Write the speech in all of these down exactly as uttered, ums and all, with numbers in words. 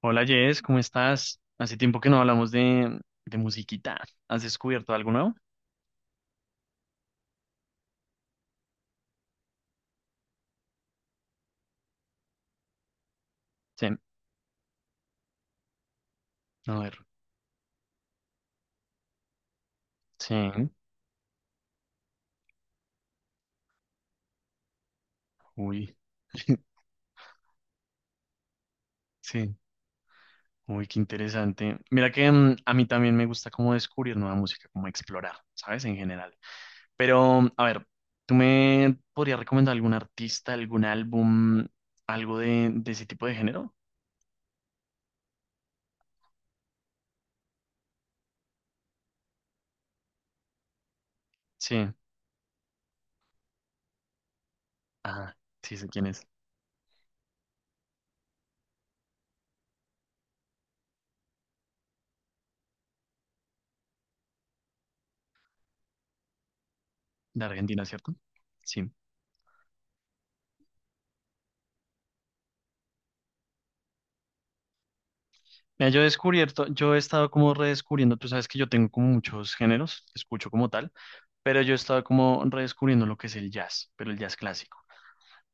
Hola Jess, ¿cómo estás? Hace tiempo que no hablamos de, de musiquita. ¿Has descubierto algo nuevo? Sí, a ver. Sí, uy, sí, uy, qué interesante. Mira que mm, a mí también me gusta como descubrir nueva música, como explorar, ¿sabes? En general. Pero, a ver, ¿tú me podrías recomendar algún artista, algún álbum, algo de, de ese tipo de género? Sí, ah, sí sé quién es. De Argentina, ¿cierto? Sí. Mira, yo he descubierto, yo he estado como redescubriendo, tú sabes que yo tengo como muchos géneros, escucho como tal, pero yo he estado como redescubriendo lo que es el jazz, pero el jazz clásico.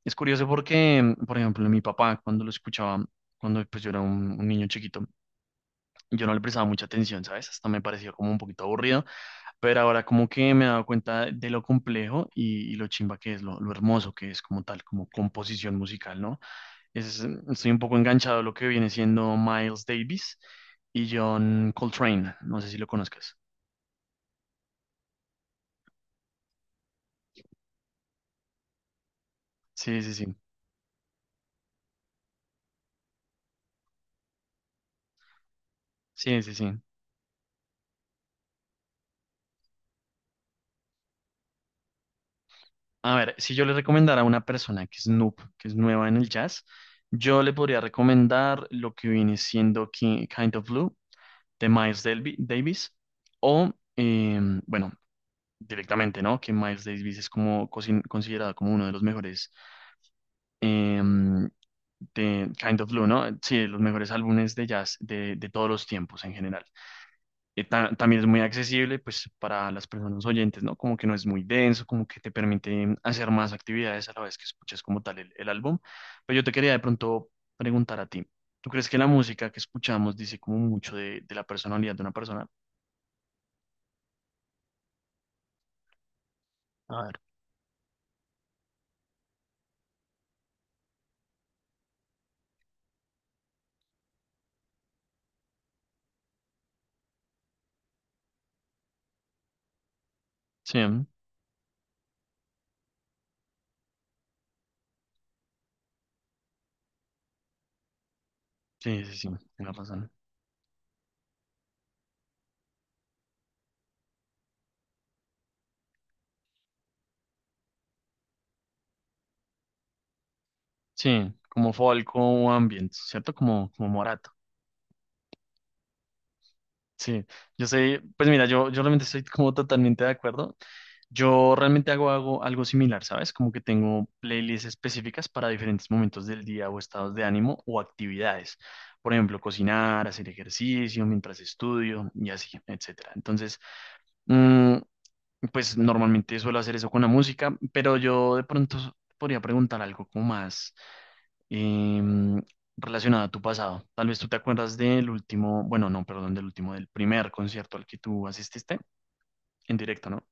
Es curioso porque, por ejemplo, mi papá cuando lo escuchaba, cuando pues yo era un, un niño chiquito, yo no le prestaba mucha atención, ¿sabes? Hasta me parecía como un poquito aburrido, pero ahora como que me he dado cuenta de lo complejo y, y lo chimba que es, lo, lo hermoso que es como tal, como composición musical, ¿no? Es, estoy un poco enganchado a lo que viene siendo Miles Davis y John Coltrane. No sé si lo conozcas. Sí, sí, sí. Sí, sí, sí. A ver, si yo le recomendara a una persona que es noob, que es nueva en el jazz, yo le podría recomendar lo que viene siendo Ki- Kind of Blue de Miles Delvi- Davis o, eh, bueno, directamente, ¿no? Que Miles Davis es como cosi- considerado como uno de los mejores em, de Kind of Blue, ¿no? Sí, de los mejores álbumes de jazz de, de todos los tiempos en general. Eh, ta- también es muy accesible, pues, para las personas oyentes, ¿no? Como que no es muy denso, como que te permite hacer más actividades a la vez que escuchas como tal el, el álbum. Pero yo te quería de pronto preguntar a ti, ¿tú crees que la música que escuchamos dice como mucho de, de la personalidad de una persona? A ver. Sí, ¿no? Sí, sí, sí, tienes razón. Sí, como folk o ambient, ¿cierto? Como, como Morat. Sí, yo sé, pues mira, yo, yo realmente estoy como totalmente de acuerdo. Yo realmente hago, hago algo similar, ¿sabes? Como que tengo playlists específicas para diferentes momentos del día o estados de ánimo o actividades. Por ejemplo, cocinar, hacer ejercicio mientras estudio y así, etcétera. Entonces, mm, pues normalmente suelo hacer eso con la música, pero yo de pronto podría preguntar algo como más em, relacionada a tu pasado. Tal vez tú te acuerdas del último, bueno, no, perdón, del último, del primer concierto al que tú asististe en directo, ¿no?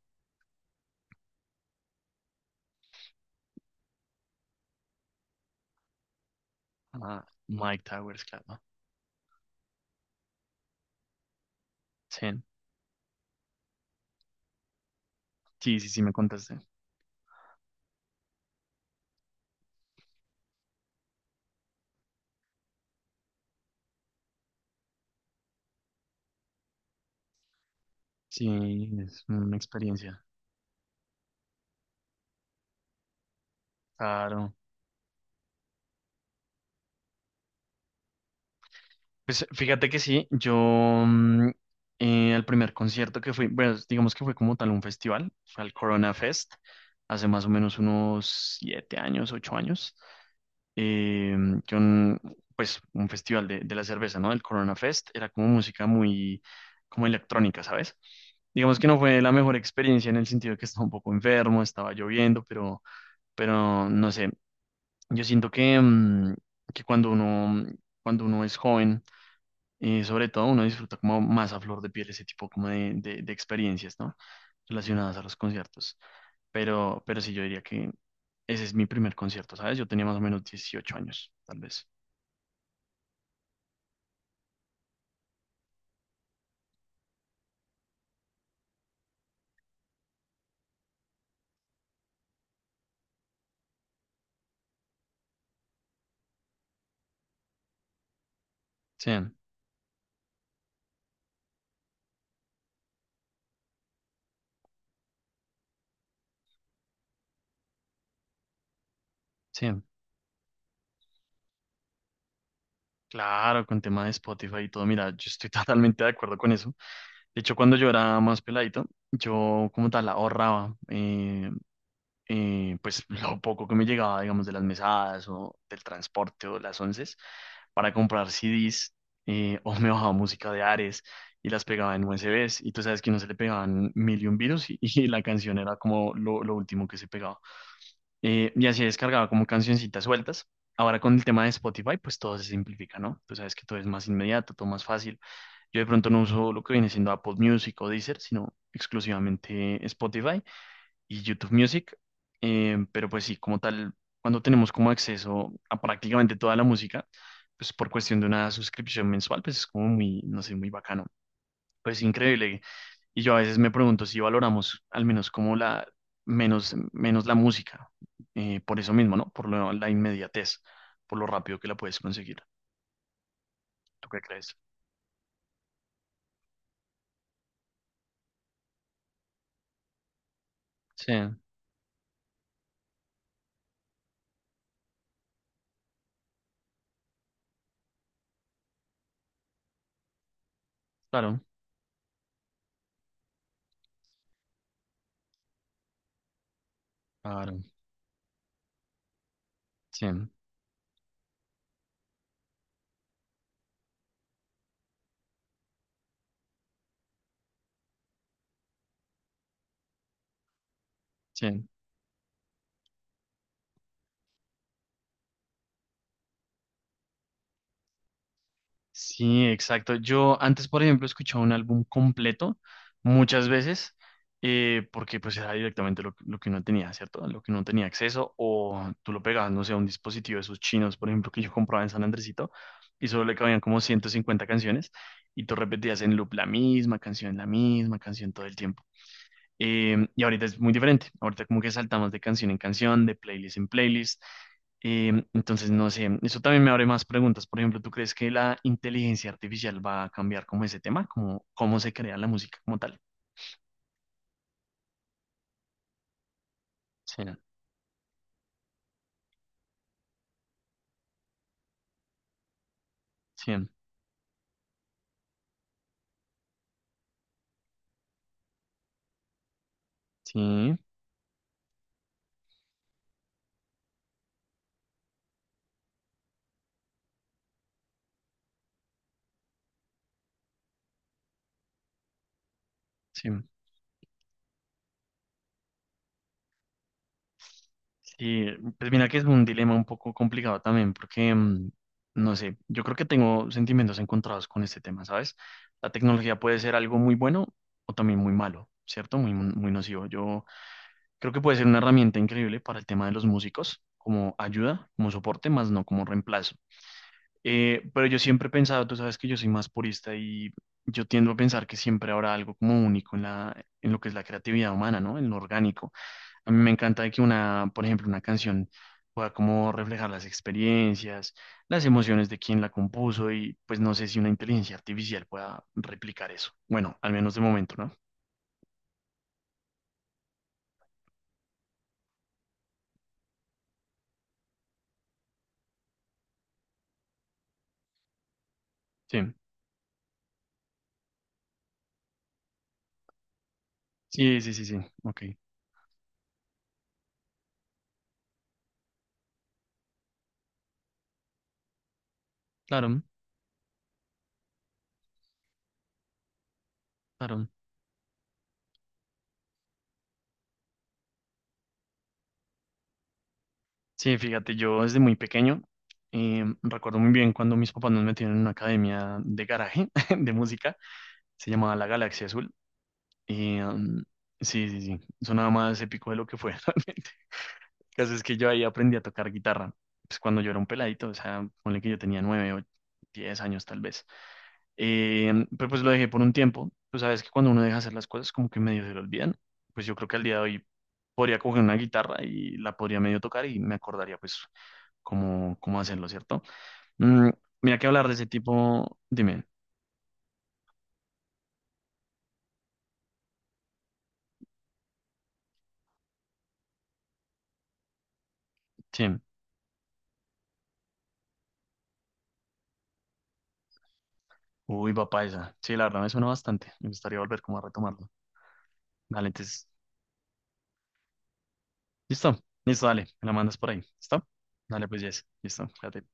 Ah, Mike Towers, claro. Sí, sí, sí, sí, me contaste. Sí, es una experiencia. Claro. Pues fíjate que sí, yo mm, eh, al primer concierto que fui, bueno, digamos que fue como tal un festival, fue al Corona Fest, hace más o menos unos siete años, ocho años, eh, que un, pues un festival de, de la cerveza, ¿no? El Corona Fest era como música muy, como electrónica, ¿sabes? Digamos que no fue la mejor experiencia en el sentido de que estaba un poco enfermo, estaba lloviendo, pero, pero no sé, yo siento que, mm, que cuando uno, cuando uno es joven, eh, sobre todo uno disfruta como más a flor de piel ese tipo como de, de- de experiencias, ¿no? Relacionadas a los conciertos. Pero, pero sí, yo diría que ese es mi primer concierto, ¿sabes? Yo tenía más o menos dieciocho años, tal vez. Sí, sí. Claro, con tema de Spotify y todo, mira, yo estoy totalmente de acuerdo con eso. De hecho, cuando yo era más peladito, yo como tal ahorraba. Eh, eh, pues lo poco que me llegaba, digamos, de las mesadas o del transporte o las onces, para comprar C Ds eh, o me bajaba música de Ares y las pegaba en U S Bs y tú sabes que no se le pegaban mil y un virus y, y la canción era como lo, lo último que se pegaba. Eh, y así descargaba como cancioncitas sueltas. Ahora con el tema de Spotify, pues todo se simplifica, ¿no? Tú sabes que todo es más inmediato, todo más fácil. Yo de pronto no uso lo que viene siendo Apple Music o Deezer, sino exclusivamente Spotify y YouTube Music. eh, pero pues sí, como tal, cuando tenemos como acceso a prácticamente toda la música, pues por cuestión de una suscripción mensual, pues es como muy, no sé, muy bacano. Pues increíble. Y yo a veces me pregunto si valoramos al menos como la, menos, menos la música, eh, por eso mismo, ¿no? Por lo- la inmediatez, por lo rápido que la puedes conseguir. ¿Tú qué crees? Sí, claro, claro, sí, sí. Sí, exacto. Yo antes, por ejemplo, escuchaba un álbum completo muchas veces eh, porque pues era directamente lo, lo que uno tenía, ¿cierto? Lo que uno tenía acceso o tú lo pegabas, no sé, a un dispositivo de esos chinos, por ejemplo, que yo compraba en San Andresito y solo le cabían como ciento cincuenta canciones y tú repetías en loop la misma canción, la misma canción todo el tiempo. Eh, y ahorita es muy diferente. Ahorita como que saltamos de canción en canción, de playlist en playlist. Eh, entonces, no sé, eso también me abre más preguntas. Por ejemplo, ¿tú crees que la inteligencia artificial va a cambiar como ese tema? Como ¿cómo se crea la música como tal? Sí, sí, sí, sí. Sí, pues mira que es un dilema un poco complicado también, porque, mm, no sé, yo creo que tengo sentimientos encontrados con este tema, ¿sabes? La tecnología puede ser algo muy bueno o también muy malo, ¿cierto? Muy, muy nocivo. Yo creo que puede ser una herramienta increíble para el tema de los músicos, como ayuda, como soporte, más no como reemplazo. Eh, pero yo siempre he pensado, tú sabes que yo soy más purista y yo tiendo a pensar que siempre habrá algo como único en la, en lo que es la creatividad humana, ¿no? En lo orgánico. A mí me encanta de que una, por ejemplo, una canción pueda como reflejar las experiencias, las emociones de quien la compuso y pues no sé si una inteligencia artificial pueda replicar eso. Bueno, al menos de momento, ¿no? Sí, sí, sí, sí, sí. Ok, claro, claro. Sí, fíjate, yo desde muy pequeño eh, recuerdo muy bien cuando mis papás nos metieron en una academia de garaje de música, se llamaba La Galaxia Azul. Y, um, sí, sí, sí, sonaba más épico de lo que fue realmente. El caso es que yo ahí aprendí a tocar guitarra, pues cuando yo era un peladito, o sea, ponle que yo tenía nueve o diez años tal vez. Eh, pero pues lo dejé por un tiempo. Tú sabes que cuando uno deja hacer las cosas como que medio se lo olvidan. Pues yo creo que al día de hoy podría coger una guitarra y la podría medio tocar y me acordaría pues cómo, cómo hacerlo, ¿cierto? Mm, Mira que hablar de ese tipo, dime, sí, uy, papá esa, sí, la verdad me suena bastante, me gustaría volver como a retomarlo. Dale, entonces, listo, listo, dale, me la mandas por ahí, ¿listo? Dale, pues, yes, listo, fíjate.